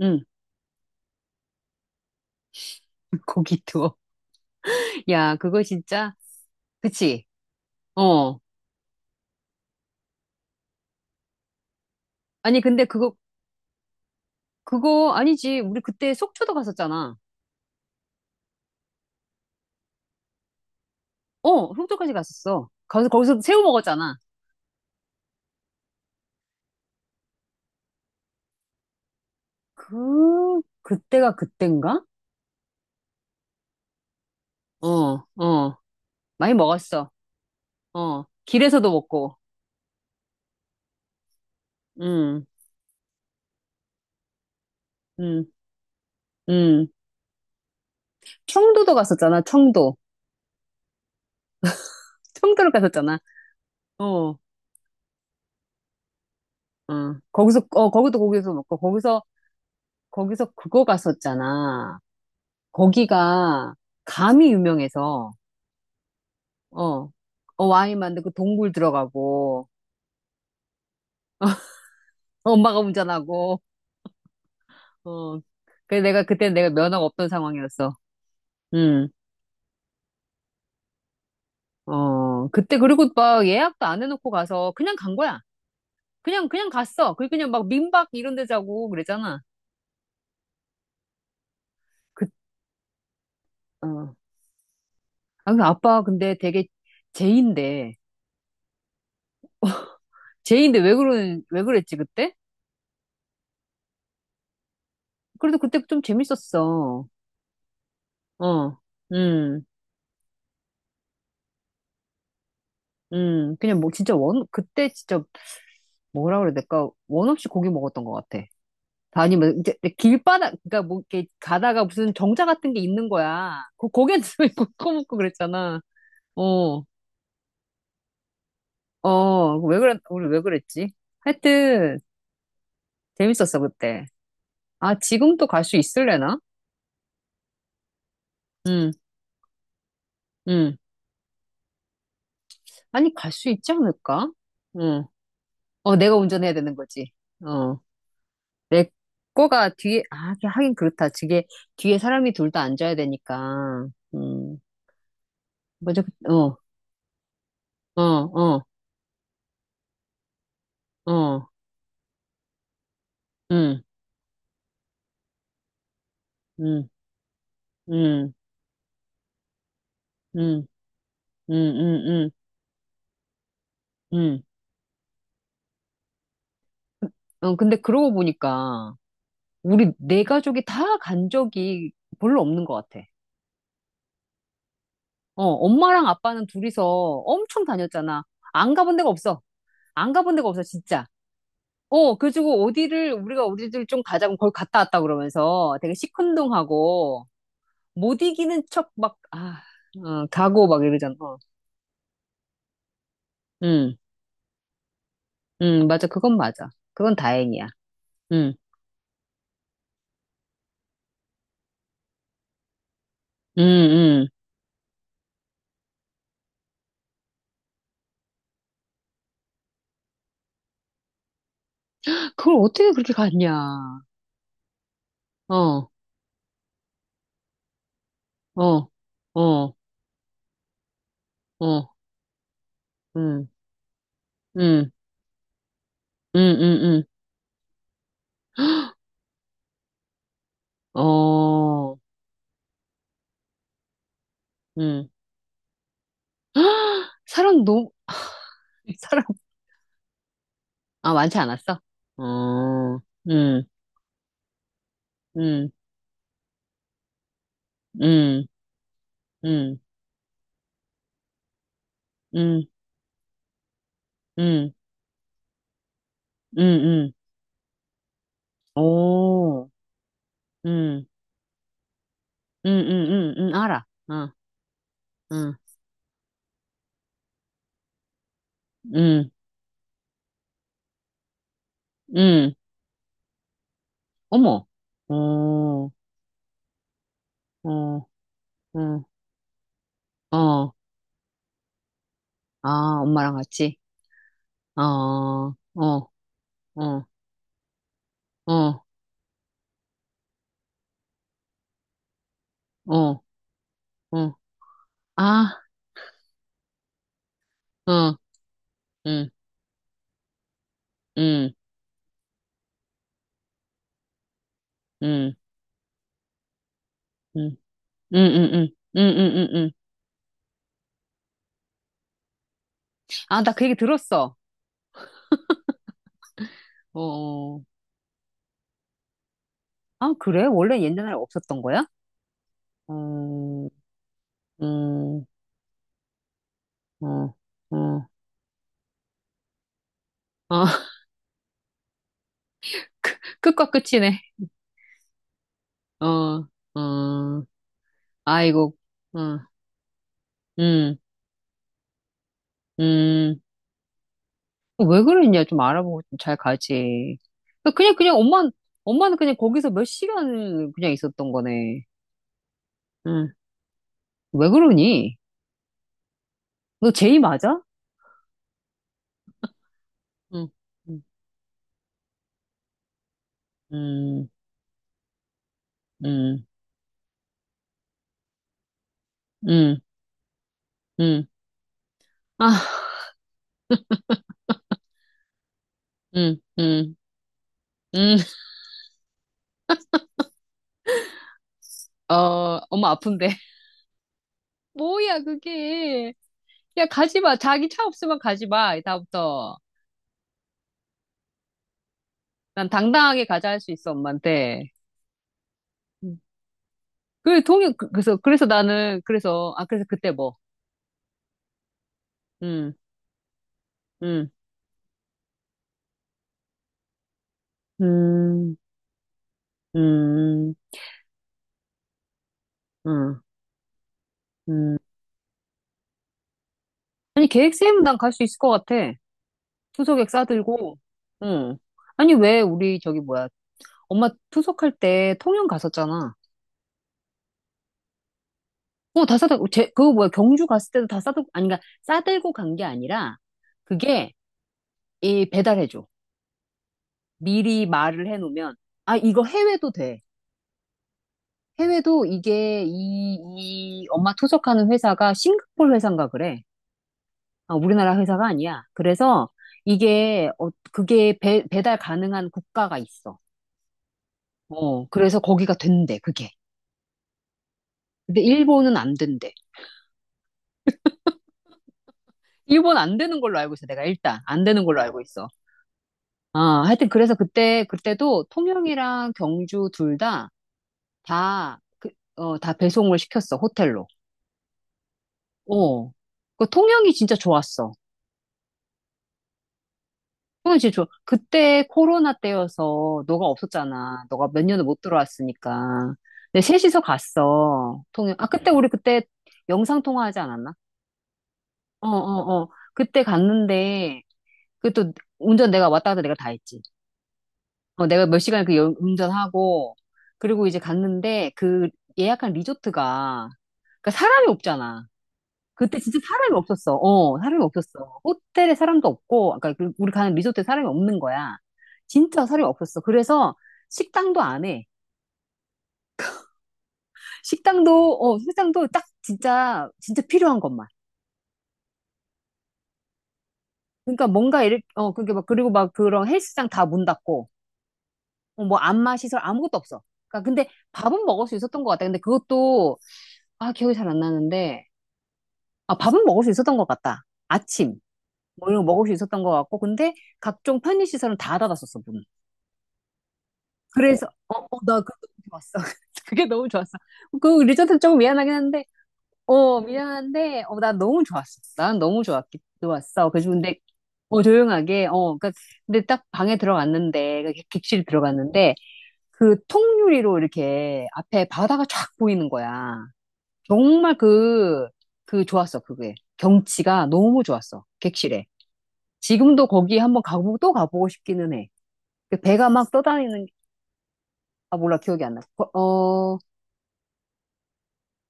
응, 고기 투어. 야, 그거 진짜, 그치? 어. 아니, 근데 그거, 그거 아니지. 우리 그때 속초도 갔었잖아. 어, 속초까지 갔었어. 거기서 새우 먹었잖아. 그때가 그땐가? 어, 어. 많이 먹었어. 어. 길에서도 먹고. 응, 응, 응. 청도도 갔었잖아, 청도. 청도를 갔었잖아. 어, 어. 거기서, 어, 거기도 거기서 먹고, 거기서, 그거 갔었잖아. 거기가 감이 유명해서, 어, 어, 와인 만들고 동굴 들어가고, 어, 엄마가 운전하고, 어, 그래 내가 그때 내가 면허가 없던 상황이었어. 음, 어, 그때 그리고 막 예약도 안 해놓고 가서 그냥 간 거야. 그냥 갔어. 그냥 막 민박 이런 데 자고 그랬잖아. 그, 어. 아, 근데 아빠 근데 되게 제인데, 왜 그런, 왜 그랬지 그때? 그래도 그때 좀 재밌었어. 어, 음. 그냥 뭐 진짜 원 그때 진짜 뭐라 그래? 내가 원 없이 고기 먹었던 것 같아. 다 아니면 이제 길바닥, 그러니까 뭐 이렇게 가다가 무슨 정자 같은 게 있는 거야. 그 고기한테 있고 커먹고 그랬잖아. 어, 어, 왜 그랬, 우리 왜 그랬지? 하여튼 재밌었어 그때. 아 지금도 갈 수 있을래나? 응, 응. 아니 갈 수 있지 않을까? 응. 어, 내가 운전해야 되는 거지. 어, 내 거가 뒤에 아 하긴 그렇다. 저게 뒤에 사람이 둘 다 앉아야 되니까. 음, 먼저 그- 어. 어, 어, 어, 응, 응, 응, 응, 응, 응, 응, 응. 어, 근데 그러고 보니까 우리 네 가족이 다 간 적이 별로 없는 것 같아. 어, 엄마랑 아빠는 둘이서 엄청 다녔잖아. 안 가본 데가 없어. 안 가본 데가 없어, 진짜. 어, 그래가지고 어디를, 우리가 어디를 좀 가자고 거기 갔다 왔다 그러면서 되게 시큰둥하고 못 이기는 척 막, 아, 어, 가고 막 이러잖아. 어. 응, 응, 맞아. 그건 맞아. 그건 다행이야. 응. 음, 음. 그걸 어떻게 그렇게 갔냐. 어, 어, 어, 어, 음, 음, 음, 음, 어, 음. 사람 너무, 사람, 아, 많지 않았어? 어, 음, 음, 음, 음, 음, 음, 음, 음. 오, 음, 알아. 어, 음, 음, 음. 어머. 어, 어, 어, 어. 아, 엄마랑 같이. 어, 어. 어, 어, 어, 어. 아, 어, 응, 응, 응, 응, 응, 응, 응, 응, 응, 응. 아, 나 그 얘기 들었어. 어, 어. 아, 그래? 원래 옛날에 없었던 거야? 음, 음, 어, 어, 어, 끝과 끝이네. 어, 어, 아이고, 어, 음, 음. 왜 그랬냐? 좀 알아보고 좀 잘 가지. 그냥 엄마, 엄마는 그냥 거기서 몇 시간 그냥 있었던 거네. 응. 왜 그러니? 너 제이 맞아? 응 응 응 응 응 응. 아, 응 응 응 어, 엄마 아픈데. 뭐야, 그게. 야, 가지 마. 자기 차 없으면 가지 마. 다음부터. 난 당당하게 가자 할 수 있어, 엄마한테. 응. 그 동의, 그- 그래서, 그래서 나는, 그래서, 아, 그래서 그때 뭐. 응 응 응 응 응 응 아니, 계획 세우면 난갈 수 있을 것 같아. 투석액 싸들고. 응. 아니, 왜 우리 저기 뭐야. 엄마 투석할 때 통영 갔었잖아. 어, 다 싸다, 제, 그거 뭐야, 경주 갔을 때도 다 싸들, 아니, 그러니까 싸들고 간 게 아니라, 그게, 이, 배달해줘. 미리 말을 해놓으면, 아, 이거 해외도 돼. 해외도 이게, 이 엄마 투석하는 회사가 싱가포르 회사인가 그래. 아, 우리나라 회사가 아니야. 그래서, 이게, 어, 그게 배달 가능한 국가가 있어. 어, 그래서 거기가 된대, 그게. 근데 일본은 안 된대. 일본 안 되는 걸로 알고 있어, 내가 일단. 안 되는 걸로 알고 있어. 아, 하여튼 그래서 그때, 그때도 통영이랑 경주 둘 다, 다, 그, 어, 다 배송을 시켰어, 호텔로. 어. 그 통영이 진짜 좋았어. 통영 진짜 좋아. 그때 코로나 때여서 너가 없었잖아. 너가 몇 년을 못 들어왔으니까. 근데 셋이서 갔어, 통영. 아, 그때 우리 그때 영상 통화하지 않았나? 어, 어, 어. 그때 갔는데, 그 또 운전 내가 왔다 갔다 내가 다 했지. 어, 내가 몇 시간 그 여- 운전하고, 그리고 이제 갔는데, 그 예약한 리조트가, 그니까 사람이 없잖아. 그때 진짜 사람이 없었어. 어, 사람이 없었어. 호텔에 사람도 없고, 아까 그 우리 가는 리조트에 사람이 없는 거야. 진짜 사람이 없었어. 그래서 식당도 안 해. 식당도, 어, 식당도 딱 진짜, 진짜 필요한 것만. 그러니까 뭔가 이렇게, 어, 그게 막, 그리고 막 그런 헬스장 다 문 닫고, 어, 뭐 안마 시설 아무것도 없어. 그러니까 근데 밥은 먹을 수 있었던 것 같다 근데 그것도 아 기억이 잘 안 나는데 아 밥은 먹을 수 있었던 것 같다. 아침 뭐 이런 거 먹을 수 있었던 것 같고 근데 각종 편의 시설은 다 닫았었어 문. 그래서 어어나 그거 너무 좋았어. 그게 너무 좋았어. 그 리조트 조금 미안하긴 한데 어 미안한데 어나 너무 좋았어. 난 너무 좋았기 좋았어. 그래서 근데 어 조용하게 어 그러니까 근데 딱 방에 들어갔는데 그 객실 들어갔는데 그 통유리로 이렇게 앞에 바다가 쫙 보이는 거야. 정말 그, 그 좋았어, 그게. 경치가 너무 좋았어, 객실에. 지금도 거기 한번 가보고 또 가보고 싶기는 해. 그 배가 막 떠다니는, 게- 아, 몰라, 기억이 안 나. 어, 어,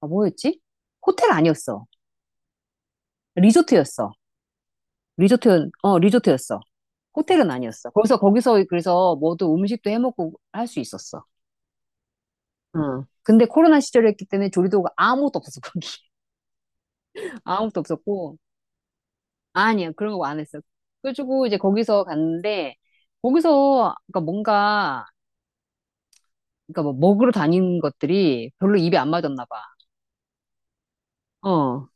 아, 뭐였지? 호텔 아니었어. 리조트였어. 리조트, 어, 리조트였어. 호텔은 아니었어. 거기서, 거기서, 그래서 모두 음식도 해먹고 할 수 있었어. 응. 근데 코로나 시절이었기 때문에 조리도가 아무것도 없었어, 거기. 아무것도 없었고. 아니요, 그런 거 안 했어. 그래가지고 이제 거기서 갔는데, 거기서, 그러니까 뭔가, 그러니까 뭐 먹으러 다니는 것들이 별로 입에 안 맞았나 봐. 어,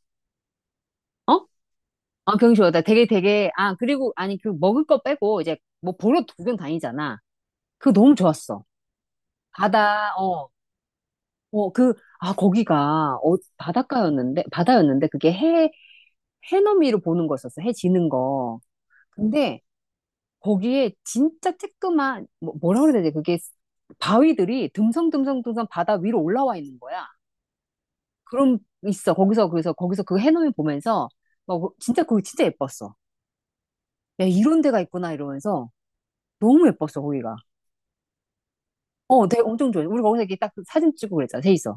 어? 아, 경주하다 되게 되게, 아, 그리고, 아니, 그 먹을 거 빼고 이제 뭐 보러 구경 다니잖아. 그거 너무 좋았어. 바다, 어, 어, 그, 아, 거기가, 어, 바닷가였는데, 바다였는데, 그게 해, 해넘이로 보는 거였었어. 해 지는 거. 근데, 거기에 진짜 쬐끄만, 뭐, 뭐라 그래야 되지? 그게 바위들이 듬성듬성듬성 바다 위로 올라와 있는 거야. 그럼 있어. 거기서, 그래서, 거기서 그 해넘이 보면서, 막, 어, 그 진짜, 거기 진짜 예뻤어. 야, 이런 데가 있구나, 이러면서. 너무 예뻤어, 거기가. 어, 되게 엄청 좋아. 우리 거기서 이렇게 딱 사진 찍고 그랬잖아, 세 있어.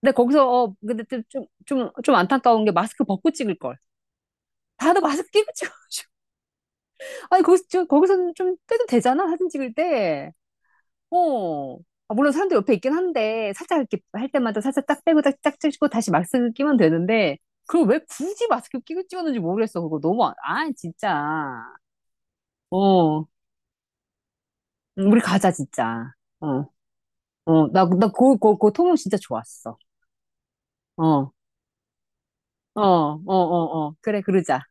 근데 거기서, 어, 근데 좀 안타까운 게 마스크 벗고 찍을 걸. 다들 마스크 끼고 찍어. 아니, 거기서, 저- 거기서는 좀 떼도 되잖아, 사진 찍을 때. 어. 아, 물론 사람들 옆에 있긴 한데, 살짝 이렇게 할 때마다 살짝 딱 빼고 딱, 딱 찍고 다시 마스크 끼면 되는데, 그걸 왜 굳이 마스크 끼고 찍었는지 모르겠어. 그거 너무, 아 아, 진짜. 어, 우리 가자, 진짜. 어, 어, 나, 그 통영 진짜 좋았어. 어, 어, 어, 어, 어. 그래, 그러자.